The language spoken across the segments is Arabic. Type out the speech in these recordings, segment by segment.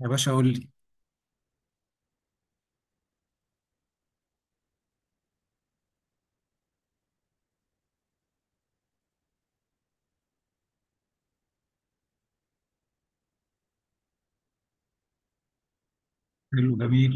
يا باشا قول لي. حلو جميل.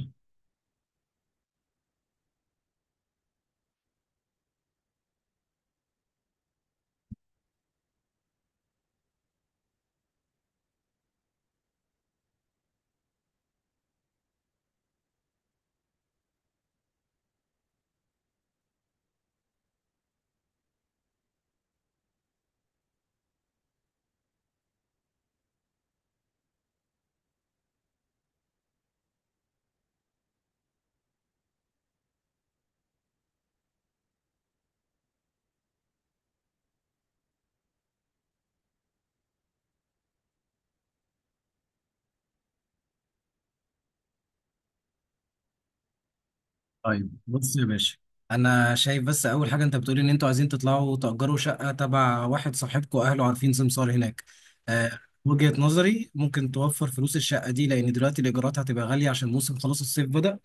طيب بص يا باشا، انا شايف بس اول حاجه انت بتقولي ان انتوا عايزين تطلعوا تأجروا شقه تبع واحد صاحبكم اهله عارفين سمسار هناك. آه، وجهة نظري ممكن توفر فلوس الشقه دي لان دلوقتي الايجارات هتبقى غاليه عشان موسم خلاص الصيف بدأ.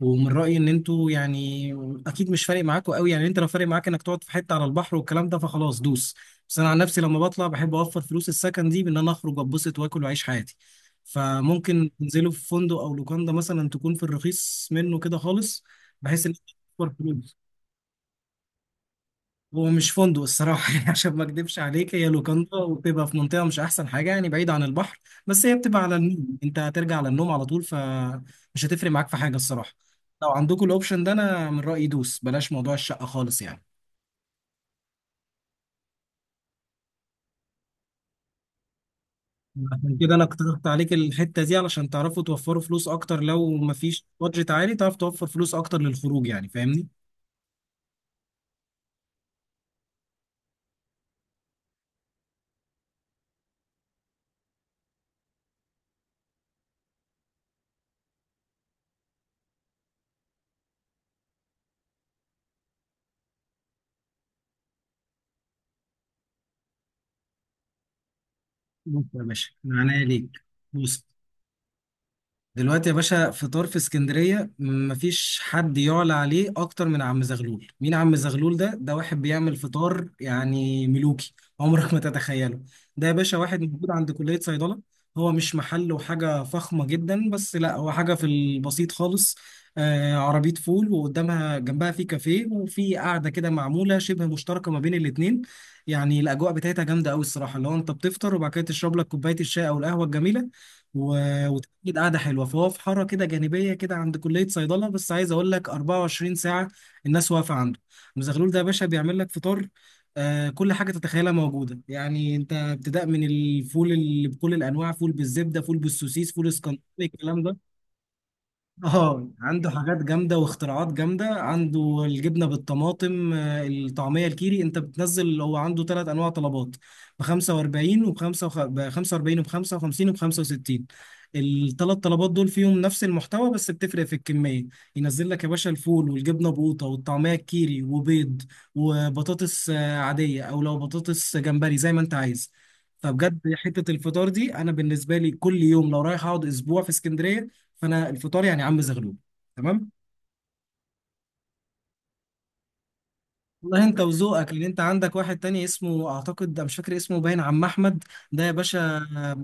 ومن رأيي ان انتوا يعني اكيد مش فارق معاكوا قوي، يعني انت لو فارق معاك انك تقعد في حته على البحر والكلام ده فخلاص دوس، بس انا عن نفسي لما بطلع بحب اوفر فلوس السكن دي بان انا اخرج اتبسط واكل واعيش حياتي. فممكن تنزلوا في فندق او لوكاندا مثلا، تكون في الرخيص منه كده خالص، بحيث ان أنت توفر فلوس. ومش فندق الصراحه يعني عشان ما اكدبش عليك، هي لوكاندا وبتبقى في منطقه مش احسن حاجه، يعني بعيد عن البحر، بس هي بتبقى على النيل، انت هترجع على النوم على طول فمش هتفرق معاك في حاجه الصراحه. لو عندكم الاوبشن ده انا من رايي دوس، بلاش موضوع الشقه خالص يعني. عشان كده انا اقترحت عليك الحته دي علشان تعرفوا توفروا فلوس اكتر، لو مفيش بادجت عالي تعرف توفر فلوس اكتر للخروج يعني، فاهمني. بص يا باشا، من عينيا ليك. بص دلوقتي يا باشا، فطار في اسكندرية مفيش حد يعلى عليه أكتر من عم زغلول. مين عم زغلول ده؟ ده واحد بيعمل فطار يعني ملوكي، عمرك ما تتخيله. ده يا باشا واحد موجود عند كلية صيدلة. هو مش محل وحاجة فخمة جدا، بس لا هو حاجة في البسيط خالص. آه، عربية فول وقدامها جنبها في كافيه، وفي قعدة كده معمولة شبه مشتركة ما بين الاتنين. يعني الأجواء بتاعتها جامدة أوي الصراحة، اللي هو أنت بتفطر وبعد كده تشرب لك كوباية الشاي أو القهوة الجميلة وتأكد قعدة حلوة. فهو في حارة كده جانبية كده عند كلية صيدلة، بس عايز أقول لك 24 ساعة الناس واقفة عنده. المزغلول ده يا باشا بيعمل لك فطار، آه كل حاجة تتخيلها موجودة، يعني أنت ابتداء من الفول اللي بكل الأنواع، فول بالزبدة، فول بالسوسيس، فول اسكندراني الكلام ده. اه، عنده حاجات جامده واختراعات جامده، عنده الجبنه بالطماطم، الطعميه الكيري. انت بتنزل هو عنده ثلاث انواع طلبات، ب 45 وب 45 وب 55 وب 65. الثلاث طلبات دول فيهم نفس المحتوى بس بتفرق في الكميه. ينزل لك يا باشا الفول والجبنه بقوطه والطعميه الكيري وبيض وبطاطس عاديه، او لو بطاطس جمبري زي ما انت عايز. فبجد حته الفطار دي انا بالنسبه لي كل يوم لو رايح اقعد اسبوع في اسكندريه، فانا الفطار يعني عم زغلول تمام. والله انت وذوقك، لان انت عندك واحد تاني اسمه، اعتقد أنا مش فاكر اسمه، باين عم احمد. ده يا باشا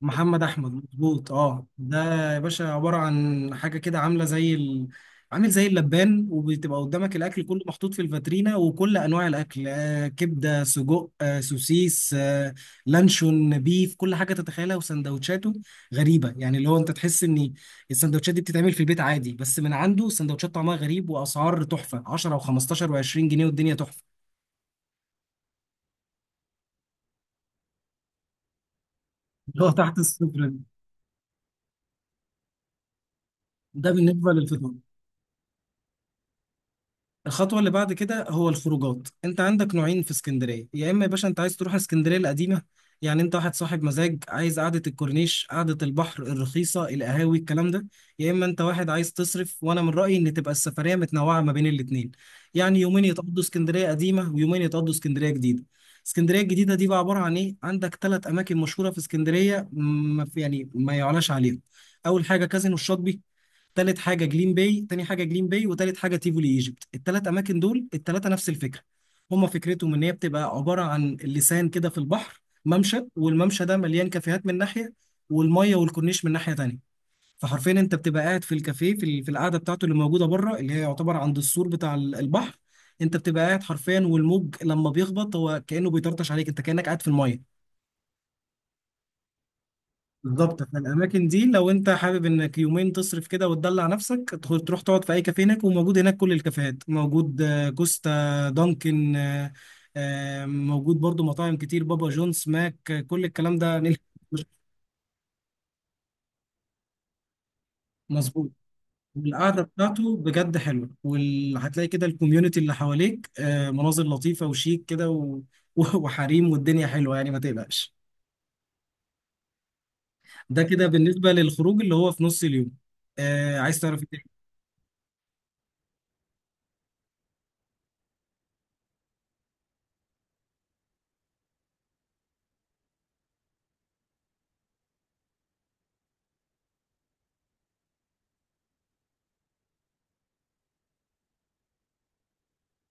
محمد احمد مظبوط، اه، ده يا باشا عباره عن حاجه كده عامله زي ال... عامل زي اللبان، وبتبقى قدامك الاكل كله محطوط في الفاترينا، وكل انواع الاكل، آه كبده سجق آه سوسيس آه لانشون بيف، كل حاجه تتخيلها. وسندوتشاته غريبه، يعني اللي هو انت تحس ان السندوتشات دي بتتعمل في البيت عادي، بس من عنده السندوتشات طعمها غريب، واسعار تحفه 10 و15 و20 جنيه، والدنيا تحفه اللي هو تحت الصفر. ده بالنسبه للفطار. الخطوة اللي بعد كده هو الخروجات. انت عندك نوعين في اسكندرية، يا اما يا باشا انت عايز تروح اسكندرية القديمة، يعني انت واحد صاحب مزاج عايز قعدة الكورنيش، قعدة البحر الرخيصة، القهاوي، الكلام ده، يا اما انت واحد عايز تصرف. وانا من رأيي ان تبقى السفرية متنوعة ما بين الاتنين، يعني يومين يتقضوا اسكندرية قديمة ويومين يتقضوا اسكندرية جديدة. اسكندرية الجديدة دي بقى عبارة عن ايه؟ عندك ثلاث اماكن مشهورة في اسكندرية ما في يعني ما يعلاش عليهم. اول حاجة كازينو الشاطبي، تالت حاجه جليم باي، تاني حاجه جليم باي وتالت حاجه تيفولي ايجيبت. التلات اماكن دول التلاته نفس الفكره، هما فكرتهم ان هي بتبقى عباره عن لسان كده في البحر ممشى، والممشى ده مليان كافيهات من ناحيه، والميه والكورنيش من ناحيه تانيه. فحرفيا انت بتبقى قاعد في الكافيه في القعده بتاعته اللي موجوده بره، اللي هي يعتبر عند السور بتاع البحر. انت بتبقى قاعد حرفيا، والموج لما بيخبط هو كانه بيطرطش عليك، انت كانك قاعد في الميه. بالظبط، فالاماكن دي لو انت حابب انك يومين تصرف كده وتدلع نفسك، تروح تقعد في اي كافيه هناك، وموجود هناك كل الكافيهات موجود، كوستا، دانكن، موجود برضو مطاعم كتير، بابا جونز، ماك، كل الكلام ده مظبوط. والقعده بتاعته بجد حلوه، وهتلاقي كده الكوميونتي اللي حواليك، مناظر لطيفه وشيك كده وحريم، والدنيا حلوه يعني، ما تقلقش. ده كده بالنسبه للخروج اللي هو في نص اليوم. عايز تعرف إيه؟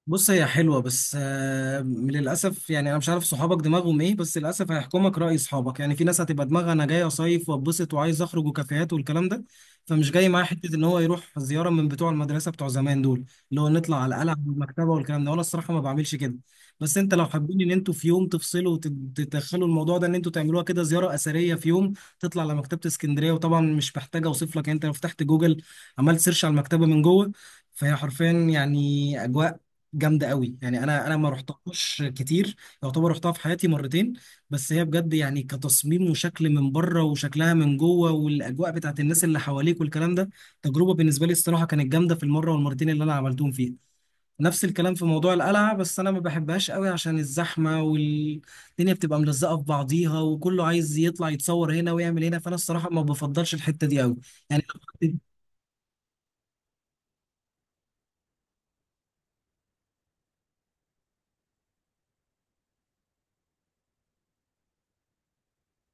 بص، هي حلوة بس للأسف، يعني أنا مش عارف صحابك دماغهم إيه، بس للأسف هيحكمك رأي صحابك. يعني في ناس هتبقى دماغها أنا جاي أصيف وأتبسط وعايز أخرج وكافيهات والكلام ده، فمش جاي معاه حتة إن هو يروح زيارة من بتوع المدرسة بتوع زمان دول، اللي هو نطلع على القلعة والمكتبة والكلام ده، وأنا الصراحة ما بعملش كده. بس أنت لو حابين إن أنتوا في يوم تفصلوا وتدخلوا الموضوع ده، إن أنتوا تعملوها كده زيارة أثرية في يوم، تطلع على مكتبة اسكندرية، وطبعا مش محتاجة أوصف لك، أنت لو فتحت جوجل عملت سيرش على المكتبة من جوه، فهي حرفيا يعني أجواء جامده قوي. يعني انا ما رحتهاش كتير، يعتبر رحتها في حياتي مرتين، بس هي بجد يعني كتصميم وشكل من بره وشكلها من جوه والاجواء بتاعت الناس اللي حواليك والكلام ده تجربه بالنسبه لي الصراحه كانت جامده، في المره والمرتين اللي انا عملتهم فيها. نفس الكلام في موضوع القلعه، بس انا ما بحبهاش قوي عشان الزحمه، والدنيا بتبقى ملزقه في بعضيها، وكله عايز يطلع يتصور هنا ويعمل هنا، فانا الصراحه ما بفضلش الحته دي قوي يعني.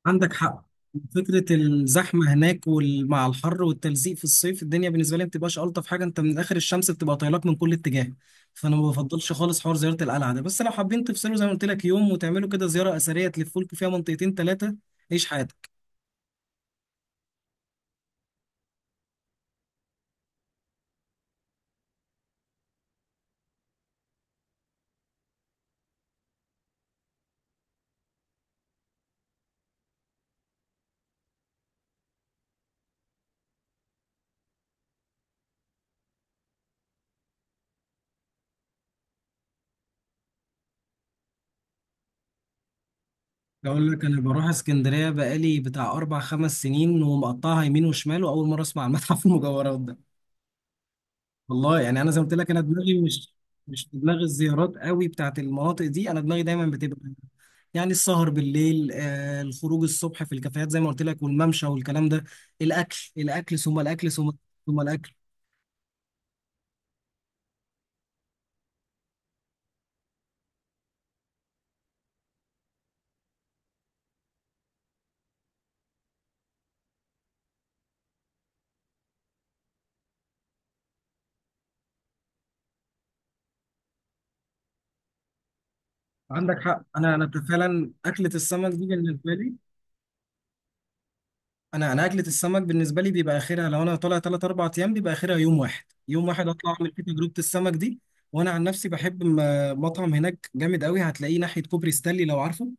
عندك حق، فكرة الزحمة هناك، ومع الحر والتلزيق في الصيف، الدنيا بالنسبة لي ما بتبقاش ألطف حاجة، أنت من آخر الشمس بتبقى طايلك من كل اتجاه. فأنا ما بفضلش خالص حوار زيارة القلعة ده، بس لو حابين تفصلوا زي ما قلت لك يوم وتعملوا كده زيارة أثرية تلفوا لكم فيها منطقتين تلاتة، عيش حياتك. بقول لك، أنا بروح اسكندرية بقالي بتاع أربع خمس سنين ومقطعها يمين وشمال، وأول مرة أسمع عن متحف المجوهرات ده. والله يعني انا زي ما قلت لك، انا دماغي مش في دماغ الزيارات قوي بتاعت المناطق دي، انا دماغي دايما بتبقى يعني السهر بالليل، آه الخروج الصبح في الكافيهات زي ما قلت لك، والممشى والكلام ده، الاكل، الاكل، ثم الاكل، ثم الاكل. عندك حق، انا فعلا اكله السمك دي بالنسبه لي، انا اكله السمك بالنسبه لي بيبقى اخرها، لو انا طالع 3 4 ايام بيبقى اخرها يوم واحد، يوم واحد اطلع اعمل فيه تجربه السمك دي. وانا عن نفسي بحب مطعم هناك جامد قوي، هتلاقيه ناحيه كوبري ستانلي لو عارفه،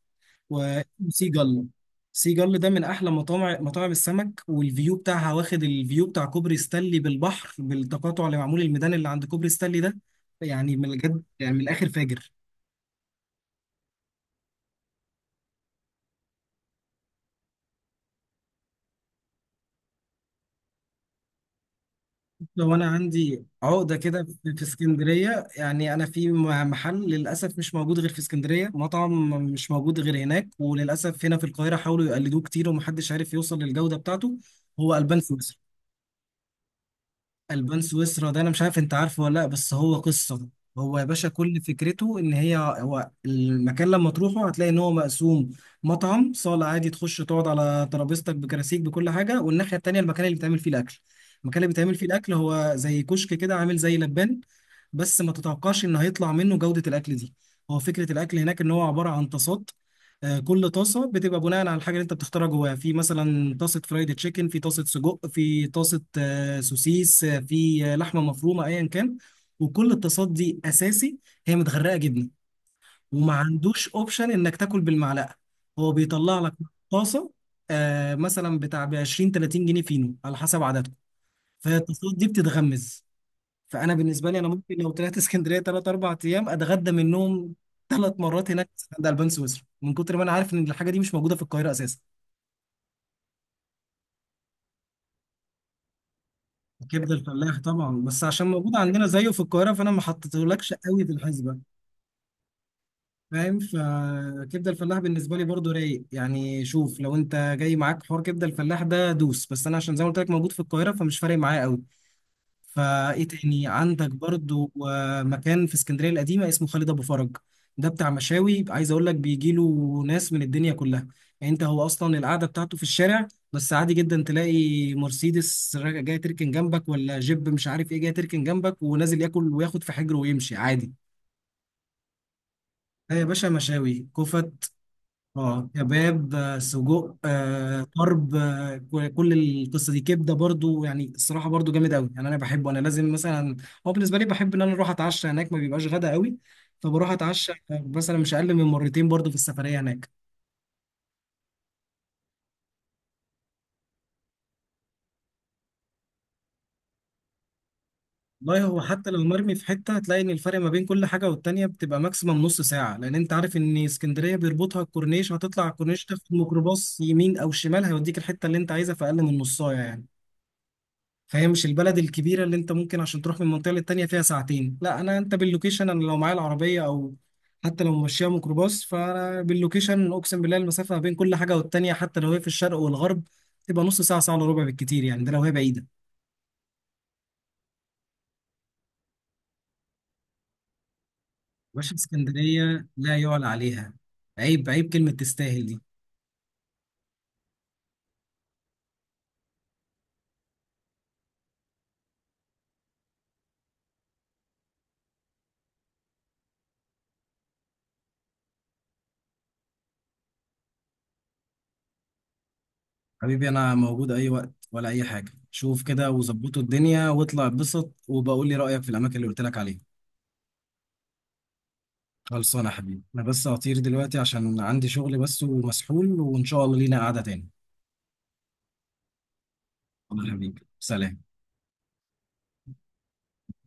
وسيجل. سيجل ده من احلى مطاعم مطاعم السمك، والفيو بتاعها واخد الفيو بتاع كوبري ستانلي بالبحر، بالتقاطع اللي معمول الميدان اللي عند كوبري ستانلي ده، يعني من الجد يعني من الاخر فاجر. لو انا عندي عقده كده في اسكندريه، يعني انا محل، للاسف مش موجود غير في اسكندريه، مطعم مش موجود غير هناك، وللاسف هنا في القاهره حاولوا يقلدوه كتير ومحدش عارف يوصل للجوده بتاعته، هو البان سويسرا. البان سويسرا ده انا مش عارف انت عارفه ولا لا، بس هو قصه. هو يا باشا كل فكرته ان هي، هو المكان لما تروحه هتلاقي ان هو مقسوم، مطعم صاله عادي تخش تقعد على ترابيزتك بكراسيك بكل حاجه، والناحيه التانيه المكان اللي بيتعمل فيه الاكل. المكان اللي بيتعمل فيه الاكل هو زي كشك كده، عامل زي لبان، بس ما تتوقعش ان هيطلع منه جوده الاكل دي. هو فكره الاكل هناك ان هو عباره عن طاسات، كل طاسه بتبقى بناء على الحاجه اللي انت بتختارها جواها، في مثلا طاسه فرايد تشيكن، في طاسه سجق، في طاسه سوسيس، في لحمه مفرومه ايا كان. وكل الطاسات دي اساسي هي متغرقه جبنه، وما عندوش اوبشن انك تاكل بالمعلقه، هو بيطلع لك طاسه مثلا بتاع ب 20 30 جنيه، فينو على حسب عددكم، فالطاسات دي بتتغمز. فانا بالنسبه لي انا ممكن لو طلعت اسكندريه ثلاث اربع ايام اتغدى منهم ثلاث مرات هناك عند البان سويسرا، من كتر ما انا عارف ان الحاجه دي مش موجوده في القاهره اساسا. كبده الفلاح طبعا، بس عشان موجود عندنا زيه في القاهره فانا ما حطيتهولكش قوي في الحسبه، فاهم؟ فكبده الفلاح بالنسبه لي برضو رايق، يعني شوف، لو انت جاي معاك حوار كبده الفلاح ده دوس، بس انا عشان زي ما قلت لك موجود في القاهره فمش فارق معايا قوي. فايه تاني عندك؟ برضو مكان في اسكندريه القديمه اسمه خالد ابو فرج، ده بتاع مشاوي، عايز اقول لك بيجي له ناس من الدنيا كلها. يعني انت هو اصلا القعده بتاعته في الشارع، بس عادي جدا تلاقي مرسيدس جاي تركن جنبك، ولا جيب مش عارف ايه جاي تركن جنبك ونازل ياكل وياخد في حجره ويمشي عادي. ده يا باشا مشاوي كفت، اه كباب، سجق، طرب، كل القصه دي كبده، برضو يعني الصراحه برضو جامد قوي، يعني انا بحبه، انا لازم مثلا، هو بالنسبه لي بحب ان انا اروح اتعشى هناك، ما بيبقاش غدا قوي، فبروح اتعشى مثلا مش اقل من مرتين برضو في السفريه هناك. والله هو حتى لو مرمي في حته، هتلاقي ان الفرق ما بين كل حاجه والتانيه بتبقى ماكسيمم نص ساعه، لان انت عارف ان اسكندريه بيربطها الكورنيش، هتطلع على الكورنيش تاخد ميكروباص يمين او شمال هيوديك الحته اللي انت عايزها في اقل من نصايه يعني. فهي مش البلد الكبيرة اللي انت ممكن عشان تروح من منطقة للتانية فيها ساعتين، لا، انا انت باللوكيشن، انا لو معايا العربية او حتى لو ماشية ميكروباص، فانا باللوكيشن اقسم بالله المسافة ما بين كل حاجة والتانية، حتى لو هي في الشرق والغرب، تبقى نص ساعة ساعة الا ربع بالكتير يعني، ده لو هي بعيدة. باشا اسكندرية لا يعلى عليها، عيب عيب كلمة تستاهل دي. حبيبي انا موجود اي وقت، ولا اي حاجة شوف كده وظبطوا الدنيا واطلع اتبسط، وبقول لي رأيك في الاماكن اللي قلت لك عليها. خلصانة يا حبيبي، أنا بس هطير دلوقتي عشان عندي شغل بس ومسحول، وإن شاء الله لينا قعدة تاني. يلا يا حبيبي، سلام.